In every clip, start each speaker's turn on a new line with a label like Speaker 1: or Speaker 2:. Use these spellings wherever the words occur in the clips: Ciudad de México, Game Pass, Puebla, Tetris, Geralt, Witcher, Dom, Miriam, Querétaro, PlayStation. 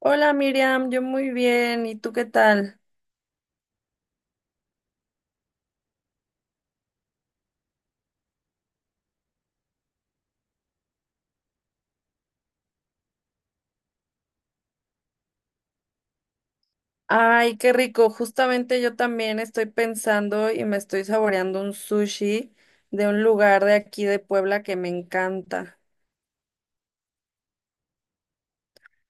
Speaker 1: Hola Miriam, yo muy bien, ¿y tú qué tal? Ay, qué rico, justamente yo también estoy pensando y me estoy saboreando un sushi de un lugar de aquí de Puebla que me encanta.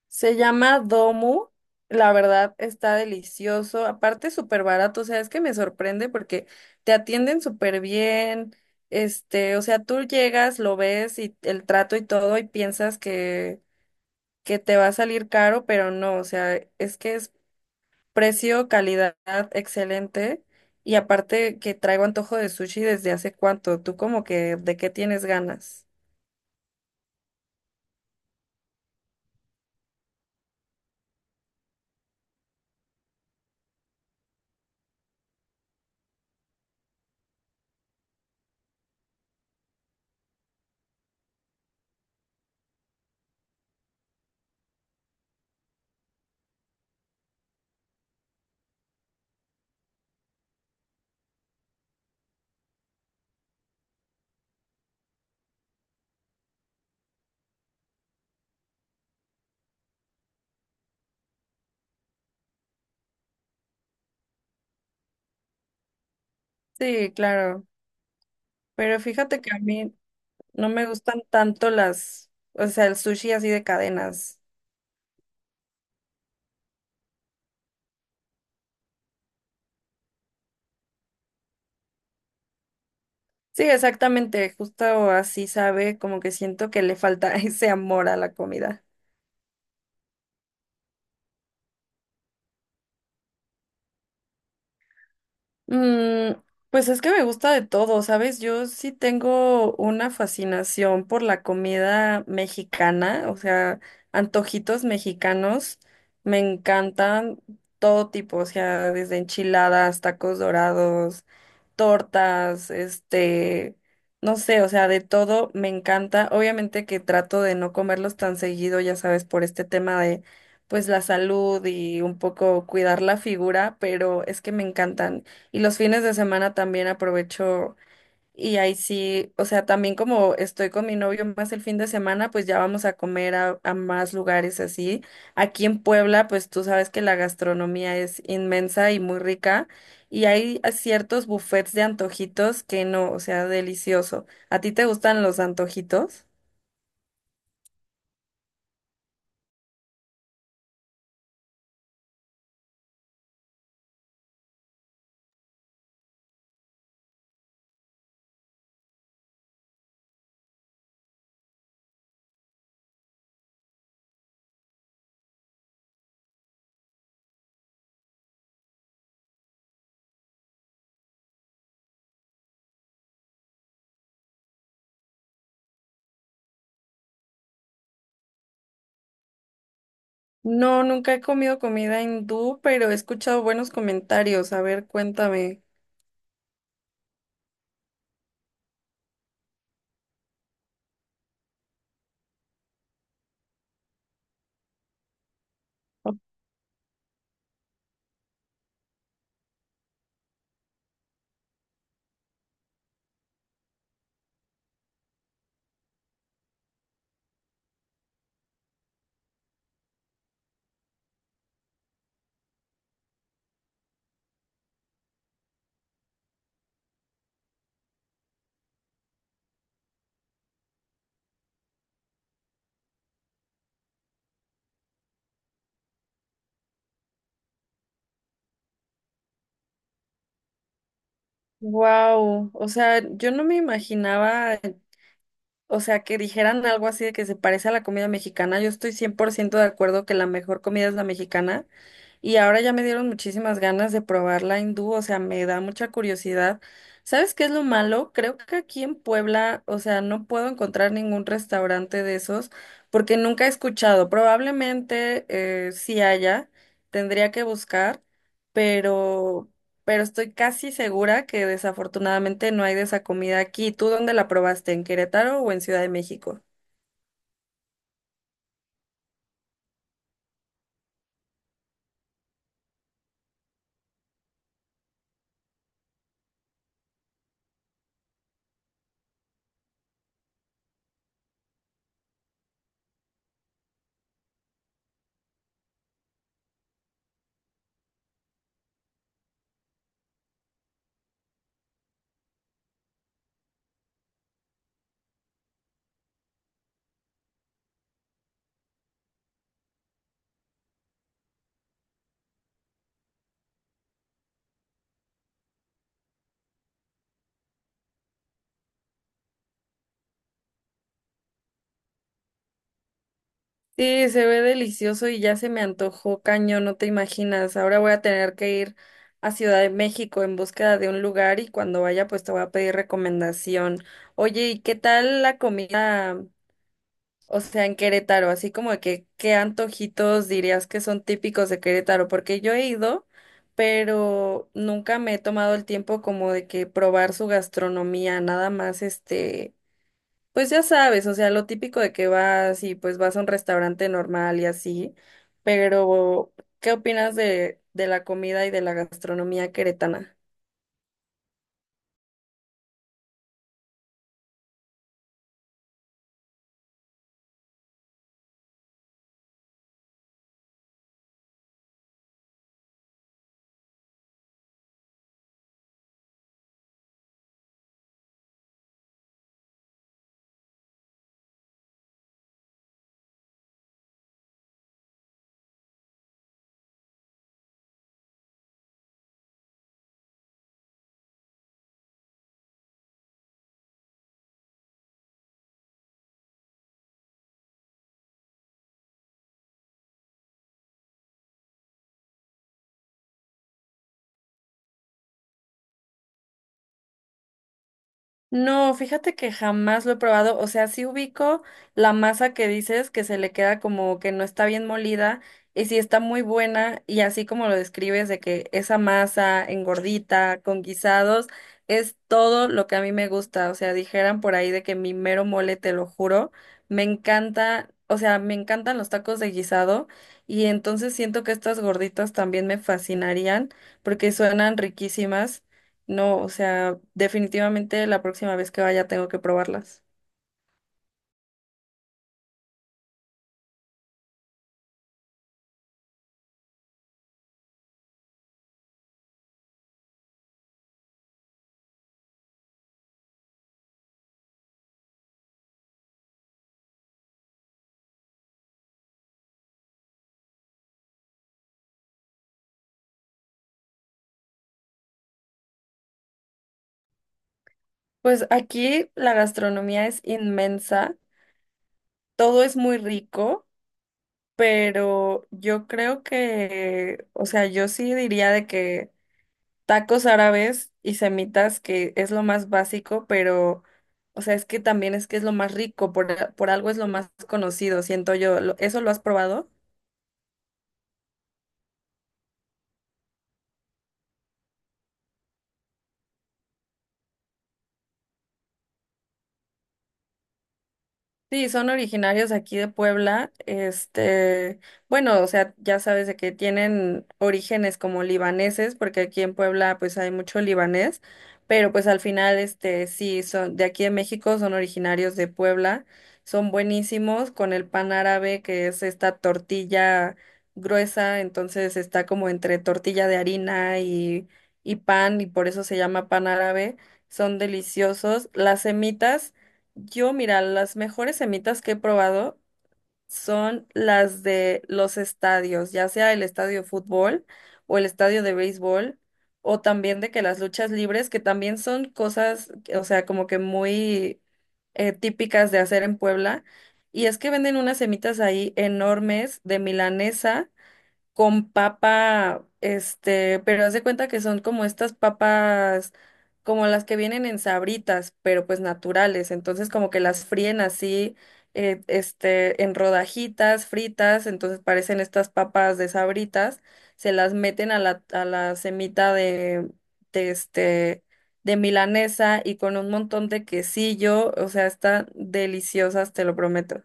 Speaker 1: Se llama Domu, la verdad está delicioso, aparte súper barato, o sea, es que me sorprende porque te atienden súper bien, o sea, tú llegas, lo ves y el trato y todo y piensas que te va a salir caro, pero no, o sea, es que es precio, calidad, excelente. Y aparte que traigo antojo de sushi desde hace cuánto. ¿Tú como que de qué tienes ganas? Sí, claro. Pero fíjate que a mí no me gustan tanto las, o sea, el sushi así de cadenas. Sí, exactamente. Justo así sabe, como que siento que le falta ese amor a la comida. Mm, pues es que me gusta de todo, ¿sabes? Yo sí tengo una fascinación por la comida mexicana, o sea, antojitos mexicanos me encantan todo tipo, o sea, desde enchiladas, tacos dorados, tortas, no sé, o sea, de todo me encanta. Obviamente que trato de no comerlos tan seguido, ya sabes, por este tema de pues la salud y un poco cuidar la figura, pero es que me encantan. Y los fines de semana también aprovecho y ahí sí, o sea, también como estoy con mi novio más el fin de semana, pues ya vamos a comer a más lugares así. Aquí en Puebla, pues tú sabes que la gastronomía es inmensa y muy rica y hay a ciertos buffets de antojitos que no, o sea, delicioso. ¿A ti te gustan los antojitos? No, nunca he comido comida hindú, pero he escuchado buenos comentarios. A ver, cuéntame. Wow, o sea, yo no me imaginaba. O sea, que dijeran algo así de que se parece a la comida mexicana. Yo estoy 100% de acuerdo que la mejor comida es la mexicana y ahora ya me dieron muchísimas ganas de probar la hindú, o sea, me da mucha curiosidad. ¿Sabes qué es lo malo? Creo que aquí en Puebla, o sea, no puedo encontrar ningún restaurante de esos porque nunca he escuchado. Probablemente sí haya, tendría que buscar, pero, pero estoy casi segura que desafortunadamente no hay de esa comida aquí. ¿Tú dónde la probaste? ¿En Querétaro o en Ciudad de México? Sí, se ve delicioso y ya se me antojó cañón, no te imaginas. Ahora voy a tener que ir a Ciudad de México en búsqueda de un lugar y cuando vaya pues te voy a pedir recomendación. Oye, ¿y qué tal la comida, o sea, en Querétaro? Así como de que, ¿qué antojitos dirías que son típicos de Querétaro? Porque yo he ido, pero nunca me he tomado el tiempo como de que probar su gastronomía, nada más pues ya sabes, o sea, lo típico de que vas y pues vas a un restaurante normal y así, pero ¿qué opinas de la comida y de la gastronomía queretana? No, fíjate que jamás lo he probado, o sea, sí ubico la masa que dices que se le queda como que no está bien molida y sí está muy buena y así como lo describes de que esa masa engordita con guisados es todo lo que a mí me gusta, o sea, dijeran por ahí de que mi mero mole, te lo juro, me encanta, o sea, me encantan los tacos de guisado y entonces siento que estas gorditas también me fascinarían porque suenan riquísimas. No, o sea, definitivamente la próxima vez que vaya tengo que probarlas. Pues aquí la gastronomía es inmensa, todo es muy rico, pero yo creo que, o sea, yo sí diría de que tacos árabes y semitas, que es lo más básico, pero, o sea, es que también es que es lo más rico, por algo es lo más conocido, siento yo. Lo- ¿Eso lo has probado? Sí, son originarios aquí de Puebla. Bueno, o sea, ya sabes de que tienen orígenes como libaneses, porque aquí en Puebla pues hay mucho libanés, pero pues al final sí son de aquí de México, son originarios de Puebla. Son buenísimos con el pan árabe, que es esta tortilla gruesa, entonces está como entre tortilla de harina y pan y por eso se llama pan árabe. Son deliciosos. Las semitas yo, mira, las mejores semitas que he probado son las de los estadios, ya sea el estadio de fútbol o el estadio de béisbol, o también de que las luchas libres, que también son cosas, o sea, como que muy típicas de hacer en Puebla. Y es que venden unas semitas ahí enormes de milanesa con papa, pero haz de cuenta que son como estas papas, como las que vienen en sabritas, pero pues naturales. Entonces como que las fríen así, en rodajitas fritas, entonces parecen estas papas de sabritas, se las meten a la semita de de milanesa y con un montón de quesillo, o sea, están deliciosas, te lo prometo.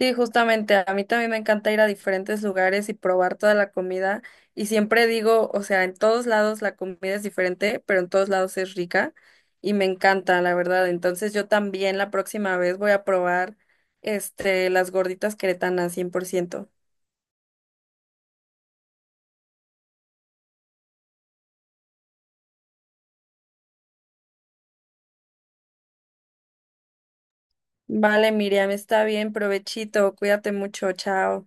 Speaker 1: Sí, justamente, a mí también me encanta ir a diferentes lugares y probar toda la comida. Y siempre digo, o sea, en todos lados la comida es diferente, pero en todos lados es rica y me encanta, la verdad. Entonces yo también la próxima vez voy a probar las gorditas queretanas, 100%. Vale, Miriam, está bien, provechito, cuídate mucho, chao.